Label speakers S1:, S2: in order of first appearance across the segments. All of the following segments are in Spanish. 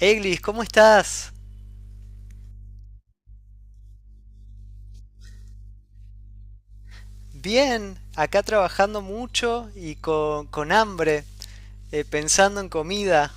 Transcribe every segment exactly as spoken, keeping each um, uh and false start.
S1: Eglis, ¿cómo estás? Bien, acá trabajando mucho y con, con hambre, eh, pensando en comida.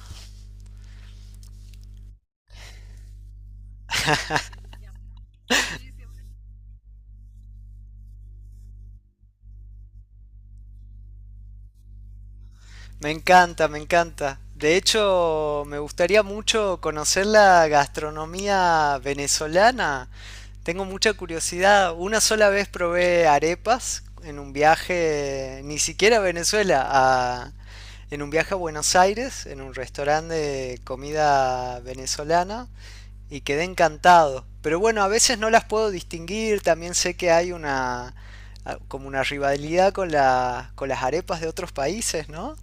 S1: Me encanta, me encanta. De hecho, me gustaría mucho conocer la gastronomía venezolana. Tengo mucha curiosidad. Una sola vez probé arepas en un viaje, ni siquiera a Venezuela, a- en un viaje a Buenos Aires, en un restaurante de comida venezolana. Y quedé encantado. Pero bueno, a veces no las puedo distinguir, también sé que hay una como una rivalidad con la, con las arepas de otros países, ¿no?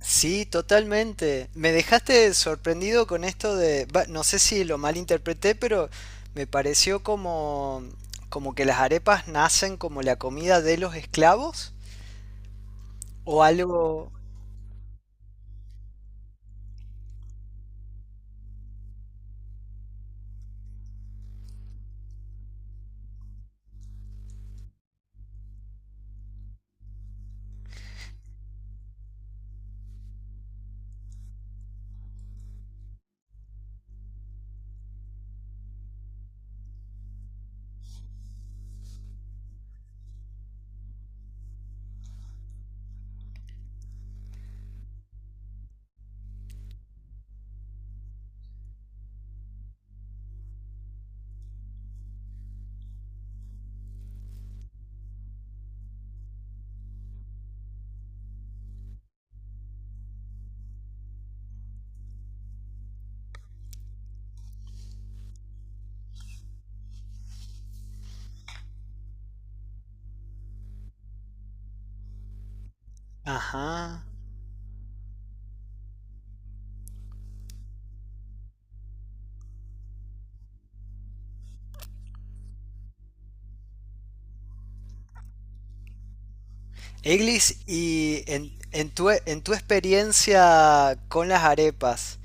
S1: Sí, totalmente. Me dejaste sorprendido con esto de, va, no sé si lo malinterpreté, pero me pareció como como que las arepas nacen como la comida de los esclavos o algo. Ajá. Eglis, y en, en tu, en tu experiencia con las arepas,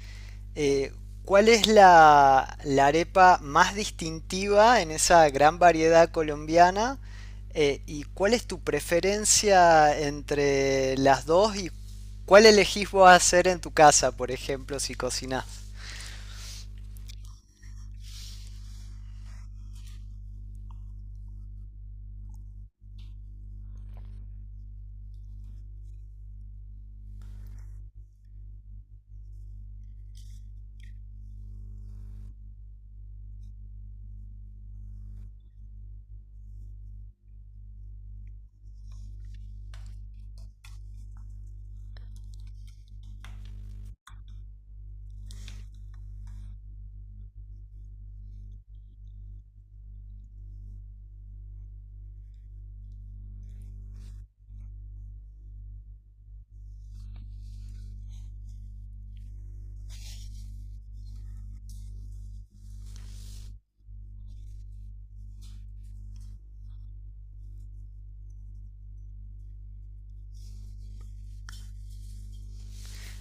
S1: Eh, ¿cuál es la, la arepa más distintiva en esa gran variedad colombiana? Eh, ¿y cuál es tu preferencia entre las dos y cuál elegís vos hacer en tu casa, por ejemplo, si cocinás?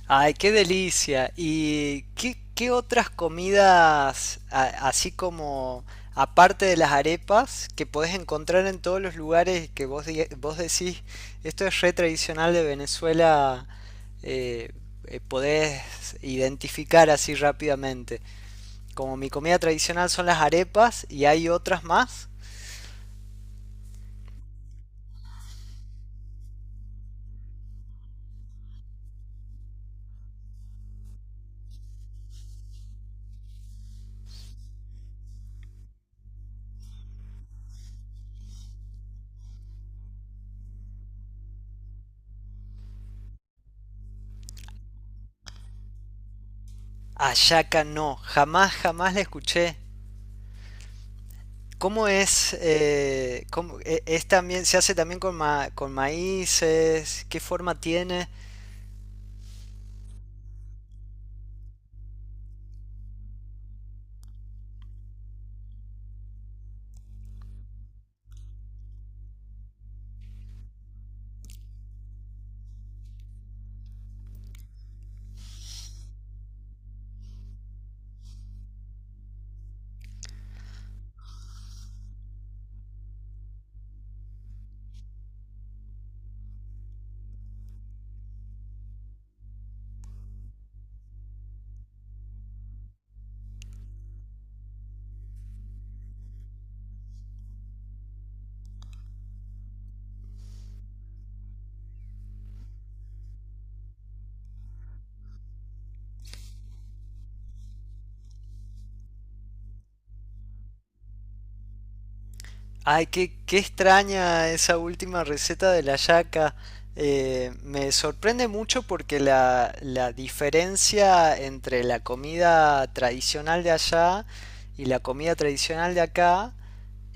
S1: Ay, qué delicia. ¿Y qué, qué otras comidas, a- así como aparte de las arepas, que podés encontrar en todos los lugares que vos, diga- vos decís, esto es re tradicional de Venezuela, eh, eh, podés identificar así rápidamente? Como mi comida tradicional son las arepas y hay otras más. Hallaca no, jamás, jamás la escuché. ¿Cómo es? Eh, cómo- e- es también, ¿se hace también con, ma- con maíces? ¿Qué forma tiene? Ay, qué, qué extraña esa última receta de la yaca. Eh, me sorprende mucho porque la, la diferencia entre la comida tradicional de allá y la comida tradicional de acá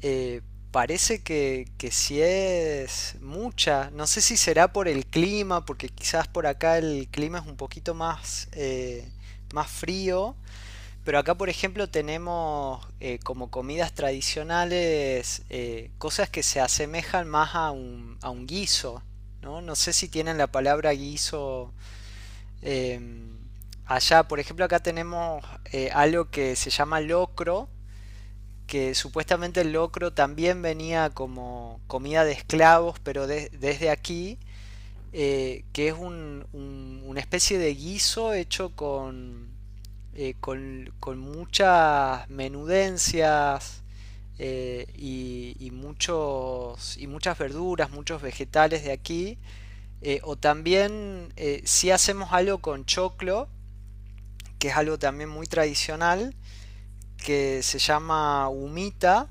S1: eh, parece que, que sí es mucha. No sé si será por el clima, porque quizás por acá el clima es un poquito más, eh, más frío. Pero acá, por ejemplo, tenemos eh, como comidas tradicionales eh, cosas que se asemejan más a un, a un guiso, ¿no? No sé si tienen la palabra guiso eh, allá. Por ejemplo, acá tenemos eh, algo que se llama locro, que supuestamente el locro también venía como comida de esclavos, pero de- desde aquí, eh, que es un- un- una especie de guiso hecho con, eh, con, con muchas menudencias eh, y, y muchos, y muchas verduras, muchos vegetales de aquí. Eh, o también eh, si hacemos algo con choclo, que es algo también muy tradicional, que se llama humita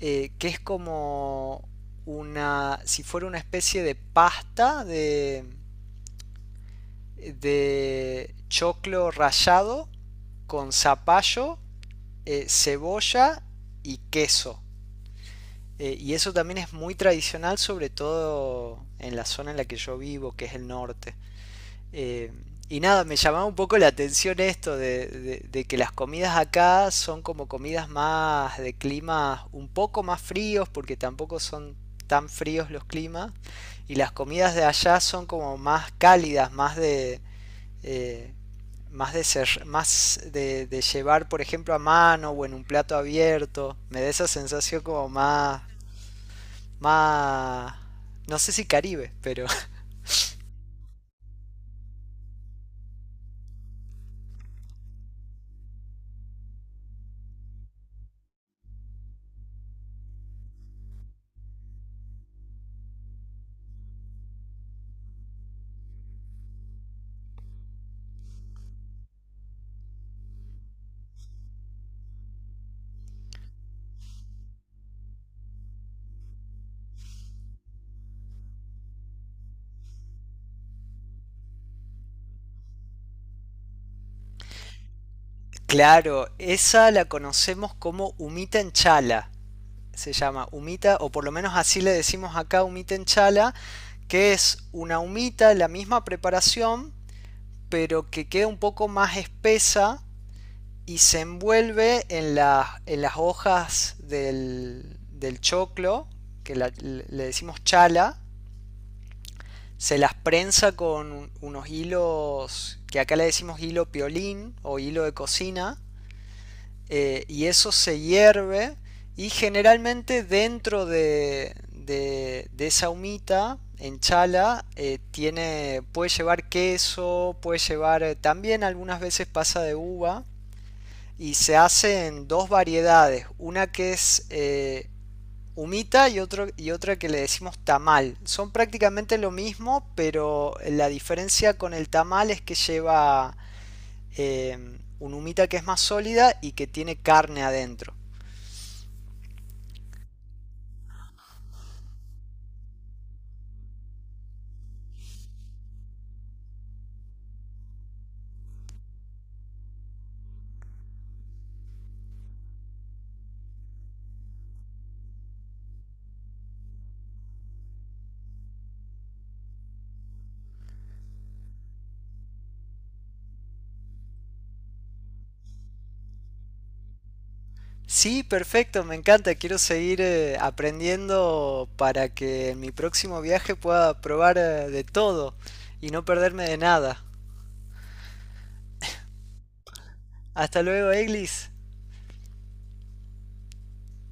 S1: eh, que es como una, si fuera una especie de pasta de, de choclo rallado con zapallo, eh, cebolla y queso. Eh, y eso también es muy tradicional, sobre todo en la zona en la que yo vivo, que es el norte. Eh, y nada, me llamaba un poco la atención esto de, de- de que las comidas acá son como comidas más de climas un poco más fríos, porque tampoco son tan fríos los climas, y las comidas de allá son como más cálidas, más de, eh, más de ser, más de, de llevar, por ejemplo, a mano o en un plato abierto. Me da esa sensación como más, más, no sé si Caribe, pero claro, esa la conocemos como humita en chala, se llama humita, o por lo menos así le decimos acá humita en chala, que es una humita, la misma preparación, pero que queda un poco más espesa y se envuelve en, la- en las hojas del, del choclo, que la- le decimos chala, se las prensa con unos hilos, que acá le decimos hilo piolín o hilo de cocina, eh, y eso se hierve y generalmente dentro de, de, de esa humita en chala eh, tiene, puede llevar queso, puede llevar eh, también algunas veces pasa de uva y se hace en dos variedades, una que es eh, humita y, otro, y otra que le decimos tamal. Son prácticamente lo mismo, pero la diferencia con el tamal es que lleva eh, un humita que es más sólida y que tiene carne adentro. Sí, perfecto, me encanta. Quiero seguir eh, aprendiendo para que en mi próximo viaje pueda probar eh, de todo y no perderme de nada. Hasta luego, Eglis.